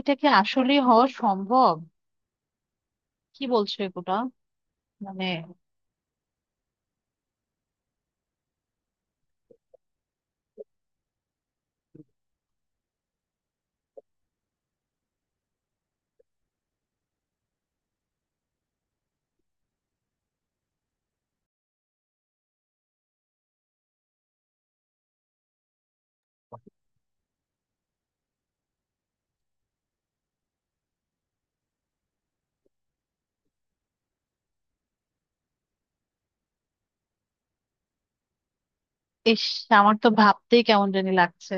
এটা কি আসলেই হওয়া সম্ভব? কি বলছো এগুলা? মানে, ইস, আমার তো ভাবতেই কেমন জানি লাগছে।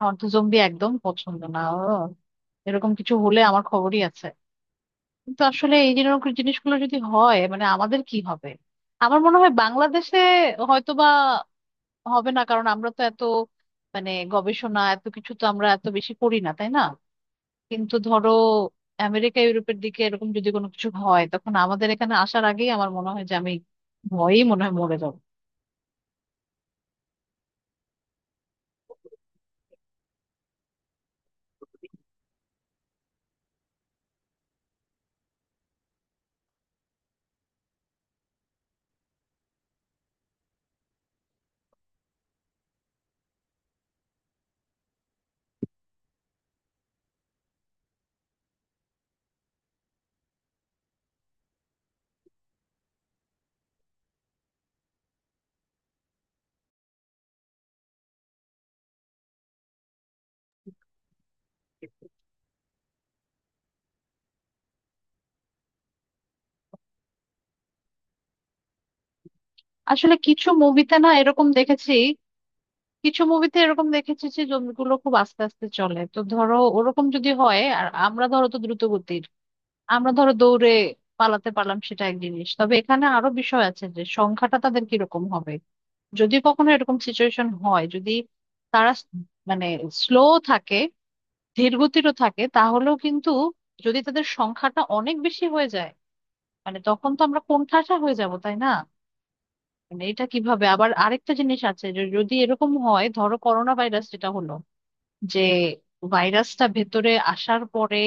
আমার তো জম্বি একদম পছন্দ না ও। এরকম কিছু হলে আমার খবরই আছে। কিন্তু আসলে এই যেরকম জিনিসগুলো যদি হয় মানে আমাদের কি হবে? আমার মনে হয় বাংলাদেশে হয়তোবা হবে না, কারণ আমরা তো এত মানে গবেষণা এত কিছু তো আমরা এত বেশি করি না, তাই না? কিন্তু ধরো আমেরিকা ইউরোপের দিকে এরকম যদি কোনো কিছু হয় তখন আমাদের এখানে আসার আগেই আমার মনে হয় যে আমি ভয়েই মনে হয় মরে যাবো। আসলে কিছু মুভিতে না এরকম দেখেছি। কিছু মুভিতে এরকম দেখেছি যে জমিগুলো খুব আস্তে আস্তে চলে, তো ধরো ওরকম যদি হয় আর আমরা ধরো তো দ্রুত গতির, আমরা ধরো দৌড়ে পালাতে পারলাম সেটা এক জিনিস। তবে এখানে আরো বিষয় আছে যে সংখ্যাটা তাদের কিরকম হবে। যদি কখনো এরকম সিচুয়েশন হয়, যদি তারা মানে স্লো থাকে, ধীর গতিরও থাকে তাহলেও কিন্তু যদি তাদের সংখ্যাটা অনেক বেশি হয়ে যায় মানে তখন তো আমরা কোণঠাসা হয়ে যাব, তাই না? মানে এটা কিভাবে, আবার আরেকটা জিনিস আছে যে যদি এরকম হয় ধরো করোনা ভাইরাস যেটা হলো যে ভাইরাসটা ভেতরে আসার পরে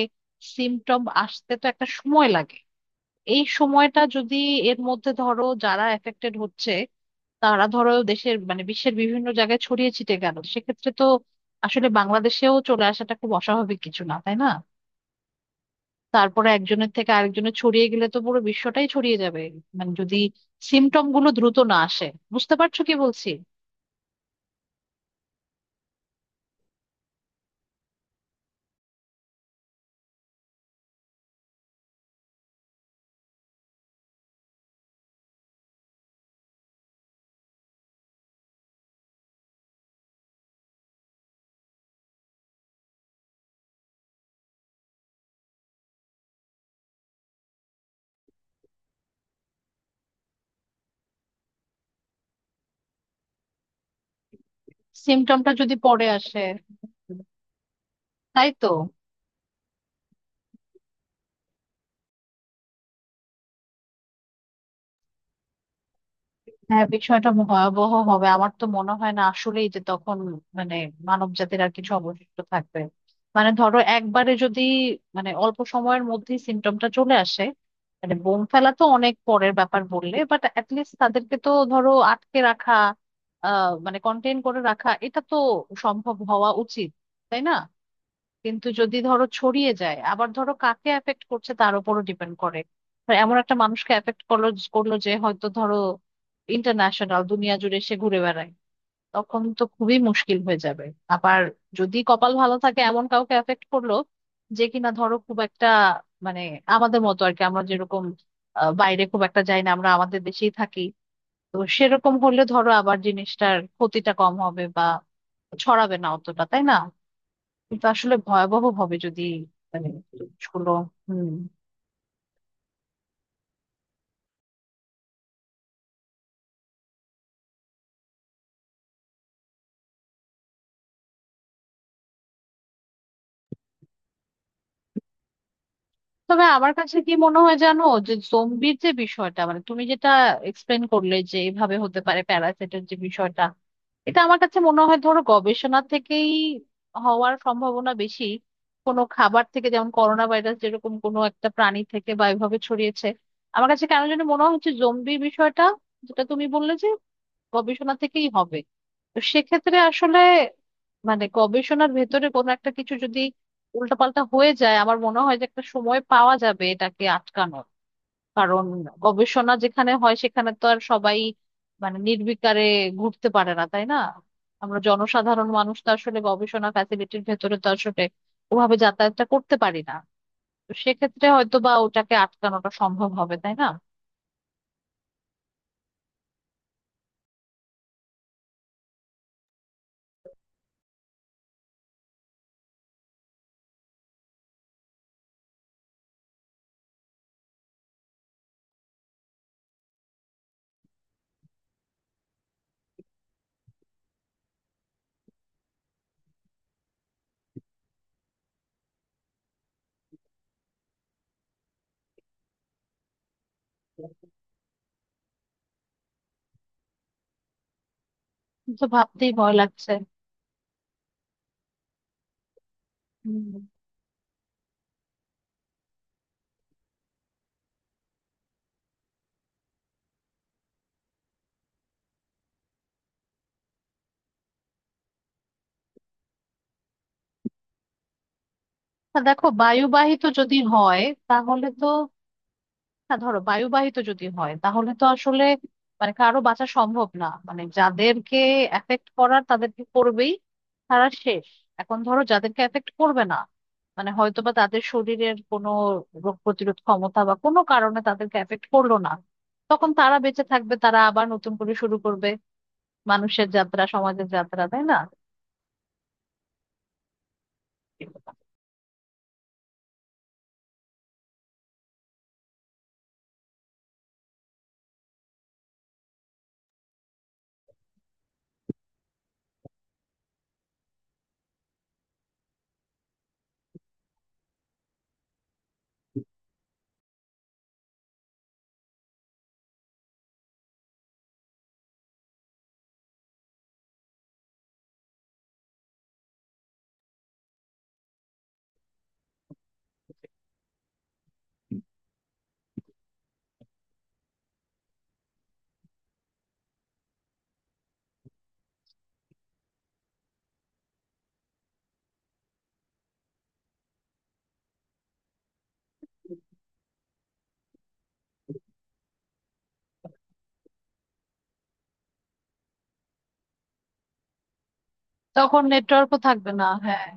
সিমটম আসতে তো একটা সময় লাগে। এই সময়টা যদি এর মধ্যে ধরো যারা এফেক্টেড হচ্ছে তারা ধরো দেশের মানে বিশ্বের বিভিন্ন জায়গায় ছড়িয়ে ছিটে গেল সেক্ষেত্রে তো আসলে বাংলাদেশেও চলে আসাটা খুব অস্বাভাবিক কিছু না, তাই না? তারপরে একজনের থেকে আরেকজনের ছড়িয়ে গেলে তো পুরো বিশ্বটাই ছড়িয়ে যাবে। মানে যদি সিমটম গুলো দ্রুত না আসে। বুঝতে পারছো কি বলছি? সিমটমটা যদি পরে আসে। তাই তো। হ্যাঁ, বিষয়টা ভয়াবহ হবে। আমার তো মনে হয় না আসলেই যে তখন মানে মানব জাতির আর কিছু অবশিষ্ট থাকবে। মানে ধরো একবারে যদি মানে অল্প সময়ের মধ্যে সিমটমটা চলে আসে, মানে বোম ফেলা তো অনেক পরের ব্যাপার বললে, বাট অ্যাটলিস্ট তাদেরকে তো ধরো আটকে রাখা, মানে কন্টেইন করে রাখা এটা তো সম্ভব হওয়া উচিত, তাই না? কিন্তু যদি ধরো ছড়িয়ে যায়, আবার ধরো কাকে এফেক্ট করছে তার উপরও ডিপেন্ড করে। তো এমন একটা মানুষকে এফেক্ট করলো করলো যে হয়তো ধরো ইন্টারন্যাশনাল দুনিয়া জুড়ে সে ঘুরে বেড়ায়, তখন তো খুবই মুশকিল হয়ে যাবে। আবার যদি কপাল ভালো থাকে, এমন কাউকে এফেক্ট করলো যে কিনা ধরো খুব একটা মানে আমাদের মতো আর কি, আমরা যেরকম বাইরে খুব একটা যাই না, আমরা আমাদের দেশেই থাকি, তো সেরকম হলে ধরো আবার জিনিসটার ক্ষতিটা কম হবে বা ছড়াবে না অতটা, তাই না? কিন্তু আসলে ভয়াবহ হবে যদি মানে জিনিসগুলো, হুম। তবে আমার কাছে কি মনে হয় জানো, যে জম্বির যে বিষয়টা মানে তুমি যেটা এক্সপ্লেন করলে যে এভাবে হতে পারে প্যারাসাইটের যে বিষয়টা, এটা আমার কাছে মনে হয় ধরো গবেষণা থেকেই হওয়ার সম্ভাবনা বেশি। কোনো খাবার থেকে যেমন করোনা ভাইরাস যেরকম কোনো একটা প্রাণী থেকে বা এভাবে ছড়িয়েছে, আমার কাছে কেন যেন মনে হচ্ছে জম্বি বিষয়টা যেটা তুমি বললে যে গবেষণা থেকেই হবে। তো সেক্ষেত্রে আসলে মানে গবেষণার ভেতরে কোনো একটা কিছু যদি উল্টাপাল্টা হয়ে যায়, আমার মনে হয় যে একটা সময় পাওয়া যাবে এটাকে আটকানোর। কারণ গবেষণা যেখানে হয় সেখানে তো আর সবাই মানে নির্বিকারে ঘুরতে পারে না, তাই না? আমরা জনসাধারণ মানুষ তো আসলে গবেষণা ফ্যাসিলিটির ভেতরে তো আসলে ওভাবে যাতায়াতটা করতে পারি না। তো সেক্ষেত্রে হয়তো বা ওটাকে আটকানোটা সম্ভব হবে, তাই না? তো ভাবতেই ভয় লাগছে। হুম। না, দেখো, বায়ুবাহিত যদি হয় তাহলে তো, না ধরো বায়ুবাহিত যদি হয় তাহলে তো আসলে মানে কারো বাঁচা সম্ভব না, মানে যাদেরকে এফেক্ট করার তাদেরকে করবেই, তারা শেষ। এখন ধরো যাদেরকে এফেক্ট করবে না, মানে হয়তোবা তাদের শরীরের কোনো রোগ প্রতিরোধ ক্ষমতা বা কোনো কারণে তাদেরকে এফেক্ট করলো না, তখন তারা বেঁচে থাকবে, তারা আবার নতুন করে শুরু করবে মানুষের যাত্রা, সমাজের যাত্রা, তাই না? তখন নেটওয়ার্কও থাকবে না, হ্যাঁ।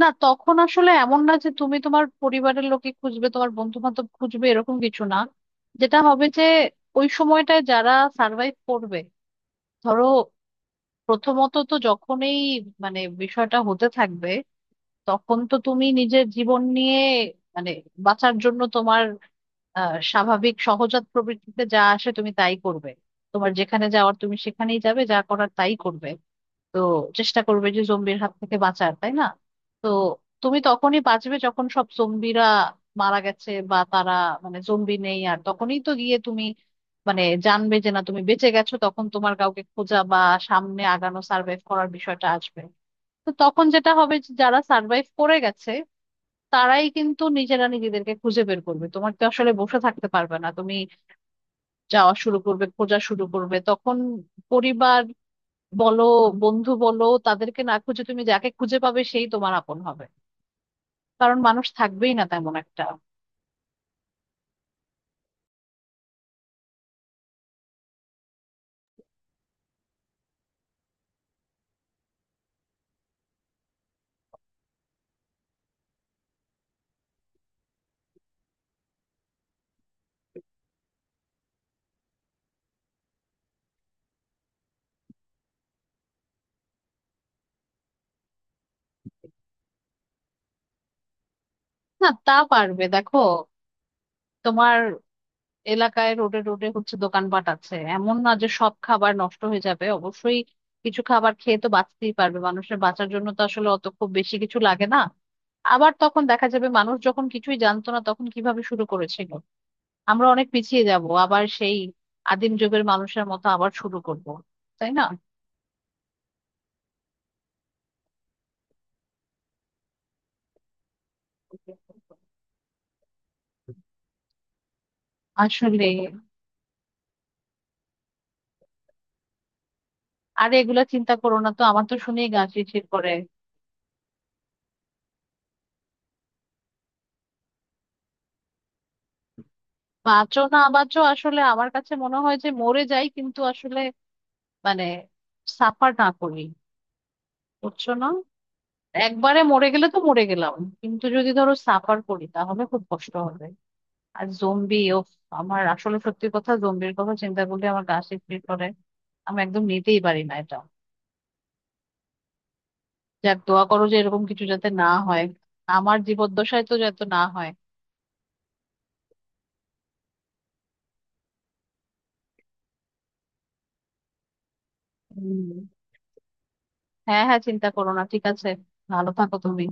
না, তখন আসলে এমন না যে তুমি তোমার পরিবারের লোকে খুঁজবে, তোমার বন্ধু বান্ধব খুঁজবে, এরকম কিছু না। যেটা হবে যে ওই সময়টায় যারা সার্ভাইভ করবে ধরো, প্রথমত তো যখনই মানে বিষয়টা হতে থাকবে, তখন তো তুমি নিজের জীবন নিয়ে মানে বাঁচার জন্য তোমার স্বাভাবিক সহজাত প্রবৃত্তিতে যা আসে তুমি তাই করবে। তোমার যেখানে যাওয়ার তুমি সেখানেই যাবে, যা করার তাই করবে। তো চেষ্টা করবে যে জম্বির হাত থেকে বাঁচার, তাই না? তো তুমি তখনই বাঁচবে যখন সব জম্বিরা মারা গেছে বা তারা মানে জম্বি নেই আর, তখনই তো গিয়ে তুমি মানে জানবে যে না তুমি বেঁচে গেছো, তখন তোমার কাউকে খোঁজা বা সামনে আগানো সার্ভাইভ করার বিষয়টা আসবে। তো তখন যেটা হবে যে যারা সার্ভাইভ করে গেছে, তারাই কিন্তু নিজেরা নিজেদেরকে খুঁজে বের করবে। তোমার তো আসলে বসে থাকতে পারবে না তুমি, যাওয়া শুরু করবে, খোঁজা শুরু করবে তখন। পরিবার বলো, বন্ধু বলো, তাদেরকে না খুঁজে তুমি যাকে খুঁজে পাবে সেই তোমার আপন হবে, কারণ মানুষ থাকবেই না তেমন একটা। না, তা পারবে, দেখো, তোমার এলাকায় রোডে রোডে হচ্ছে দোকানপাট আছে, এমন না যে সব খাবার নষ্ট হয়ে যাবে। অবশ্যই কিছু খাবার খেয়ে তো বাঁচতেই পারবে, মানুষের বাঁচার জন্য তো আসলে অত খুব বেশি কিছু লাগে না। আবার তখন দেখা যাবে মানুষ যখন কিছুই জানতো না তখন কিভাবে শুরু করেছিল, আমরা অনেক পিছিয়ে যাব আবার সেই আদিম যুগের মানুষের মতো আবার শুরু করব, তাই না? আসলে আরে এগুলা চিন্তা করো না তো, আমার তো শুনেই গা শিরশির করে। বাঁচো না বাঁচো আসলে আমার কাছে মনে হয় যে মরে যাই কিন্তু আসলে মানে সাফার না করি। বুঝছো না, একবারে মরে গেলে তো মরে গেলাম, কিন্তু যদি ধরো সাফার করি তাহলে খুব কষ্ট হবে। আর জম্বি ও, আমার আসলে সত্যি কথা জম্বির কথা চিন্তা করলে আমার গা শিরশির করে, আমি একদম নিতেই পারি না এটা। যাক দোয়া করো যে এরকম কিছু যাতে না হয়, আমার জীবদ্দশায় তো যাতে না হয়। হম। হ্যাঁ হ্যাঁ, চিন্তা করো না ঠিক আছে, ভালো থাকো তুমি।